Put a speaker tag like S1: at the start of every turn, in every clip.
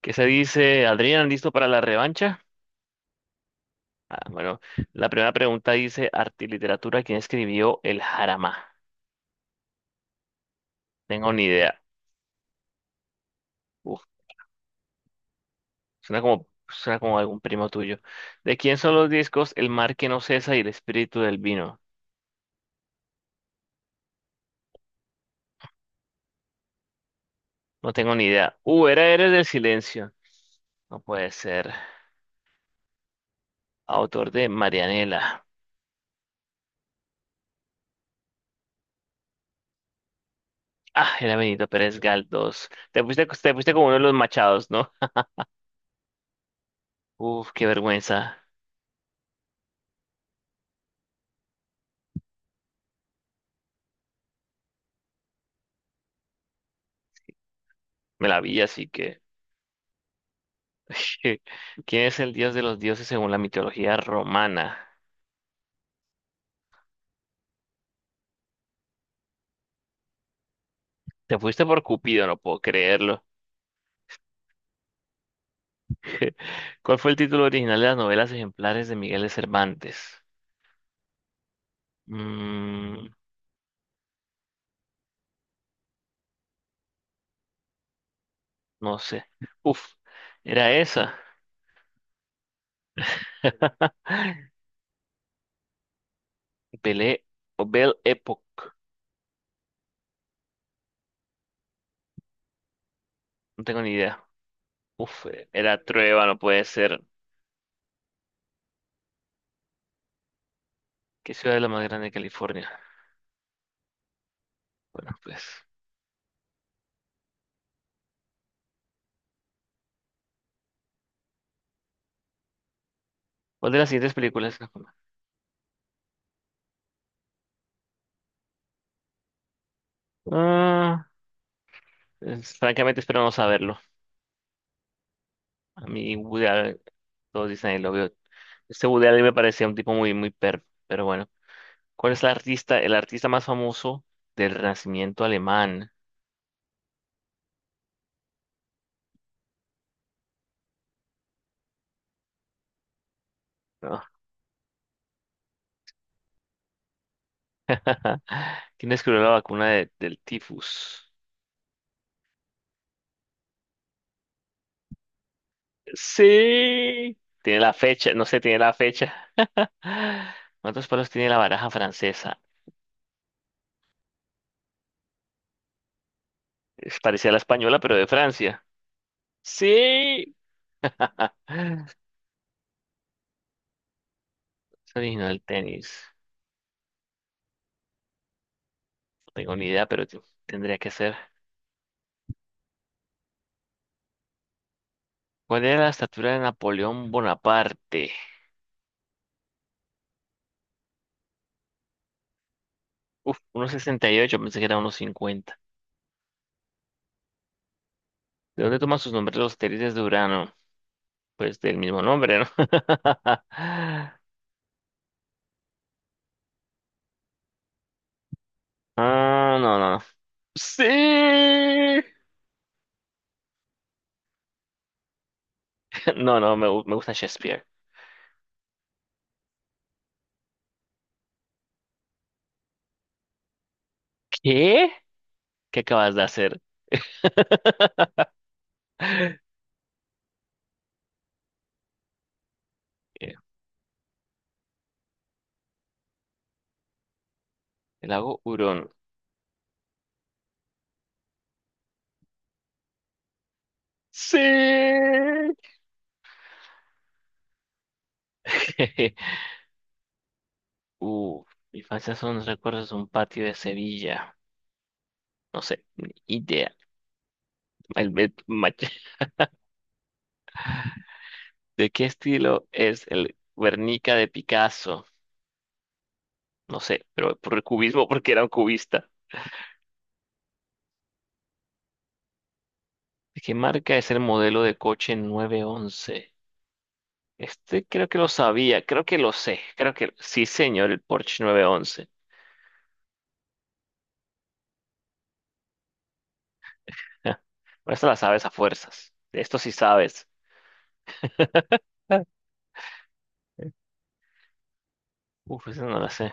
S1: ¿Qué se dice, Adrián? ¿Listo para la revancha? Ah, bueno, la primera pregunta dice, arte y literatura, ¿quién escribió el Jarama? Tengo ni idea. Uf, Suena como, suena como algún primo tuyo. ¿De quién son los discos El mar que no cesa y El espíritu del vino? No tengo ni idea. Era Eres del silencio. No puede ser. Autor de Marianela. Ah, era Benito Pérez Galdós. Te fuiste como uno de los Machados, ¿no? Uf, qué vergüenza. Me la vi, así que... ¿Qué- ¿Quién es el dios de los dioses según la mitología romana? Te fuiste por Cupido, no puedo creerlo. ¿Cuál fue el título original de las novelas ejemplares de Miguel de Cervantes? Mm, no sé. Uf, era esa. Belé o Belle Époque. No tengo ni idea. Uf, era Trueba, no puede ser. ¿Qué ciudad es la más grande de California? Bueno, pues. ¿Cuál de las siguientes películas? Ah, Francamente espero no saberlo. A mí, Woody, todos dicen I love you. Este Woody Allen me parecía un tipo muy, muy perro, pero bueno. ¿Cuál es el artista más famoso del Renacimiento alemán? ¿No? ¿Quién descubrió la vacuna del tifus? Sí. Tiene la fecha, no sé, tiene la fecha. ¿Cuántos palos tiene la baraja francesa? Es parecida a la española, pero de Francia. Sí. Ah, es original del tenis. No tengo ni idea, pero tendría que ser. ¿Cuál era la estatura de Napoleón Bonaparte? Uf, unos sesenta y ocho, pensé que era unos cincuenta. ¿De dónde toman sus nombres los satélites de Urano? Pues del mismo nombre, ¿no? Ah, no, no, no. Sí. No, me gusta Shakespeare. ¿Qué? ¿Qué acabas de hacer? Eh, el lago Hurón. Sí. Uf, mi infancia son los recuerdos de un patio de Sevilla. No sé, ni idea. El- el- ma- ¿De qué estilo es el Guernica de Picasso? No sé, pero por el cubismo, porque era un cubista. ¿De qué marca es el modelo de coche 911? Este creo que lo sabía, creo que lo sé, creo que sí, señor, el Porsche 911. Ah, pero esta la sabes a fuerzas. De esto sí sabes. Ah. Uf, esa no la sé.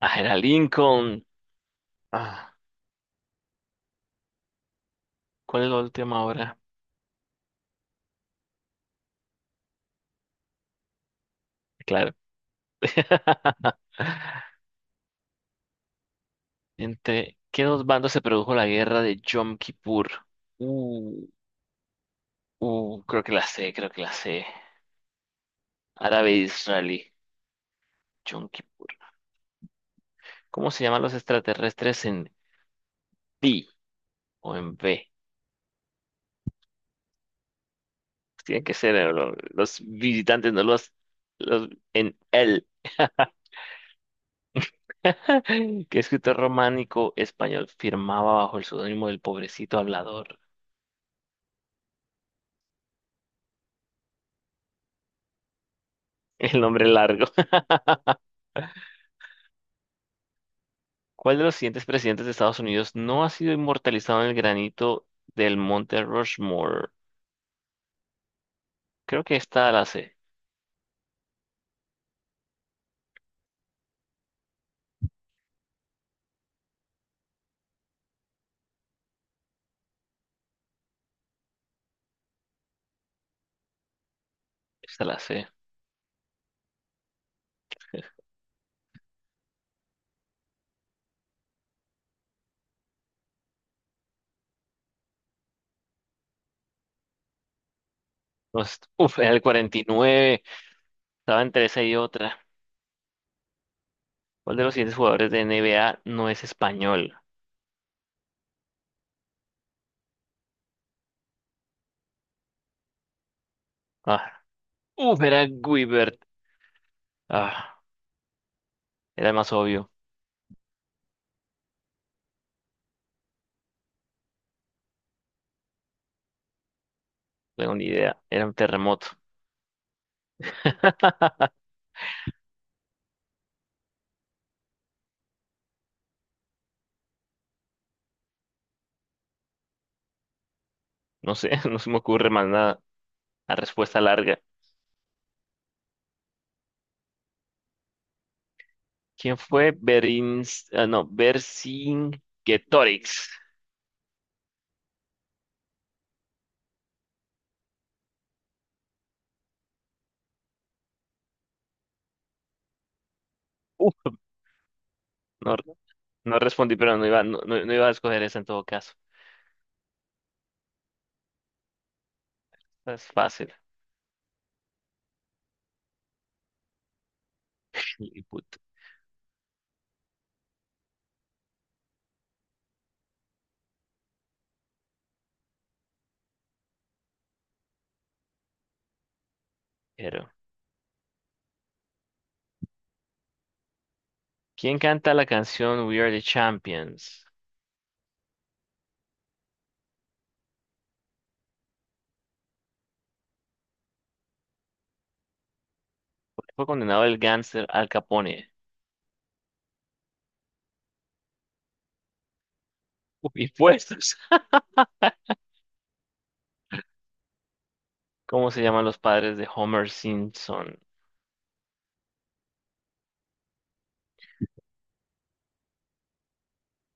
S1: Ah, era Lincoln. Ah, ¿cuál es la última hora? Claro. ¿Entre qué dos bandos se produjo la guerra de Yom Kippur? Uh, Creo que la sé, creo que la sé. Árabe-israelí. Yom Kippur. ¿Cómo se llaman los extraterrestres en B o en B? Pues tienen que ser los visitantes, no los, los en L. ¿Qué escritor románico español firmaba bajo el seudónimo del pobrecito hablador? El nombre largo. ¿Cuál de los siguientes presidentes de Estados Unidos no ha sido inmortalizado en el granito del Monte Rushmore? Creo que esta la C, esta la C. Uf, era el 49. Estaba entre esa y otra. ¿Cuál de los siguientes jugadores de NBA no es español? Ah, Uf, era Guibert. Ah, era el más obvio. No tengo ni idea. Era un terremoto. No sé, no se me ocurre más nada. La respuesta larga. ¿Quién fue Berins, ah, no, Vercingetorix? Uf, no, no respondí, pero no iba, no iba a escoger esa en todo caso. Esta es fácil. Pero, ¿quién canta la canción We Are the Champions? ¿Por qué fue condenado el gánster Al Capone? Uf, impuestos. ¿Cómo se llaman los padres de Homer Simpson?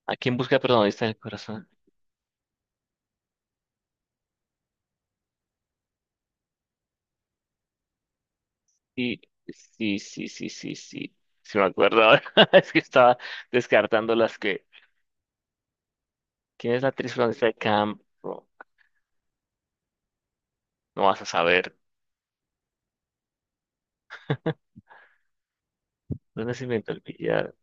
S1: ¿A quién busca protagonista del corazón? Sí, sí, sí, sí, sí, sí. Si me acuerdo ahora. Es que estaba descartando las que. ¿Quién es la actriz protagonista de Camp? Rock? No, vas a saber. ¿Dónde se inventó el billar?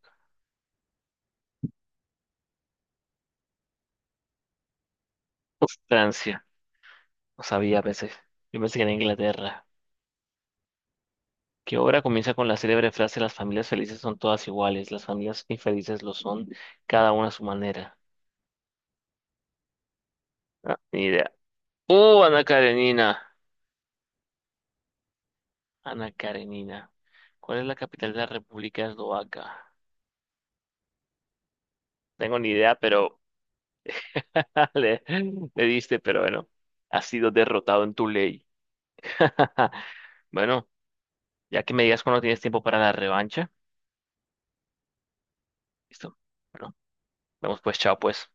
S1: Uf, Francia. No sabía, pensé. Yo pensé que era Inglaterra. ¿Qué obra comienza con la célebre frase Las familias felices son todas iguales, las familias infelices lo son, cada una a su manera? Ah, ni idea. ¡Uh, Ana Karenina! Ana Karenina. ¿Cuál es la capital de la República Eslovaca? Tengo ni idea, pero le, le diste, pero bueno, has sido derrotado en tu ley. Bueno, ya que me digas cuando tienes tiempo para la revancha, listo. Bueno, vamos pues, chao pues.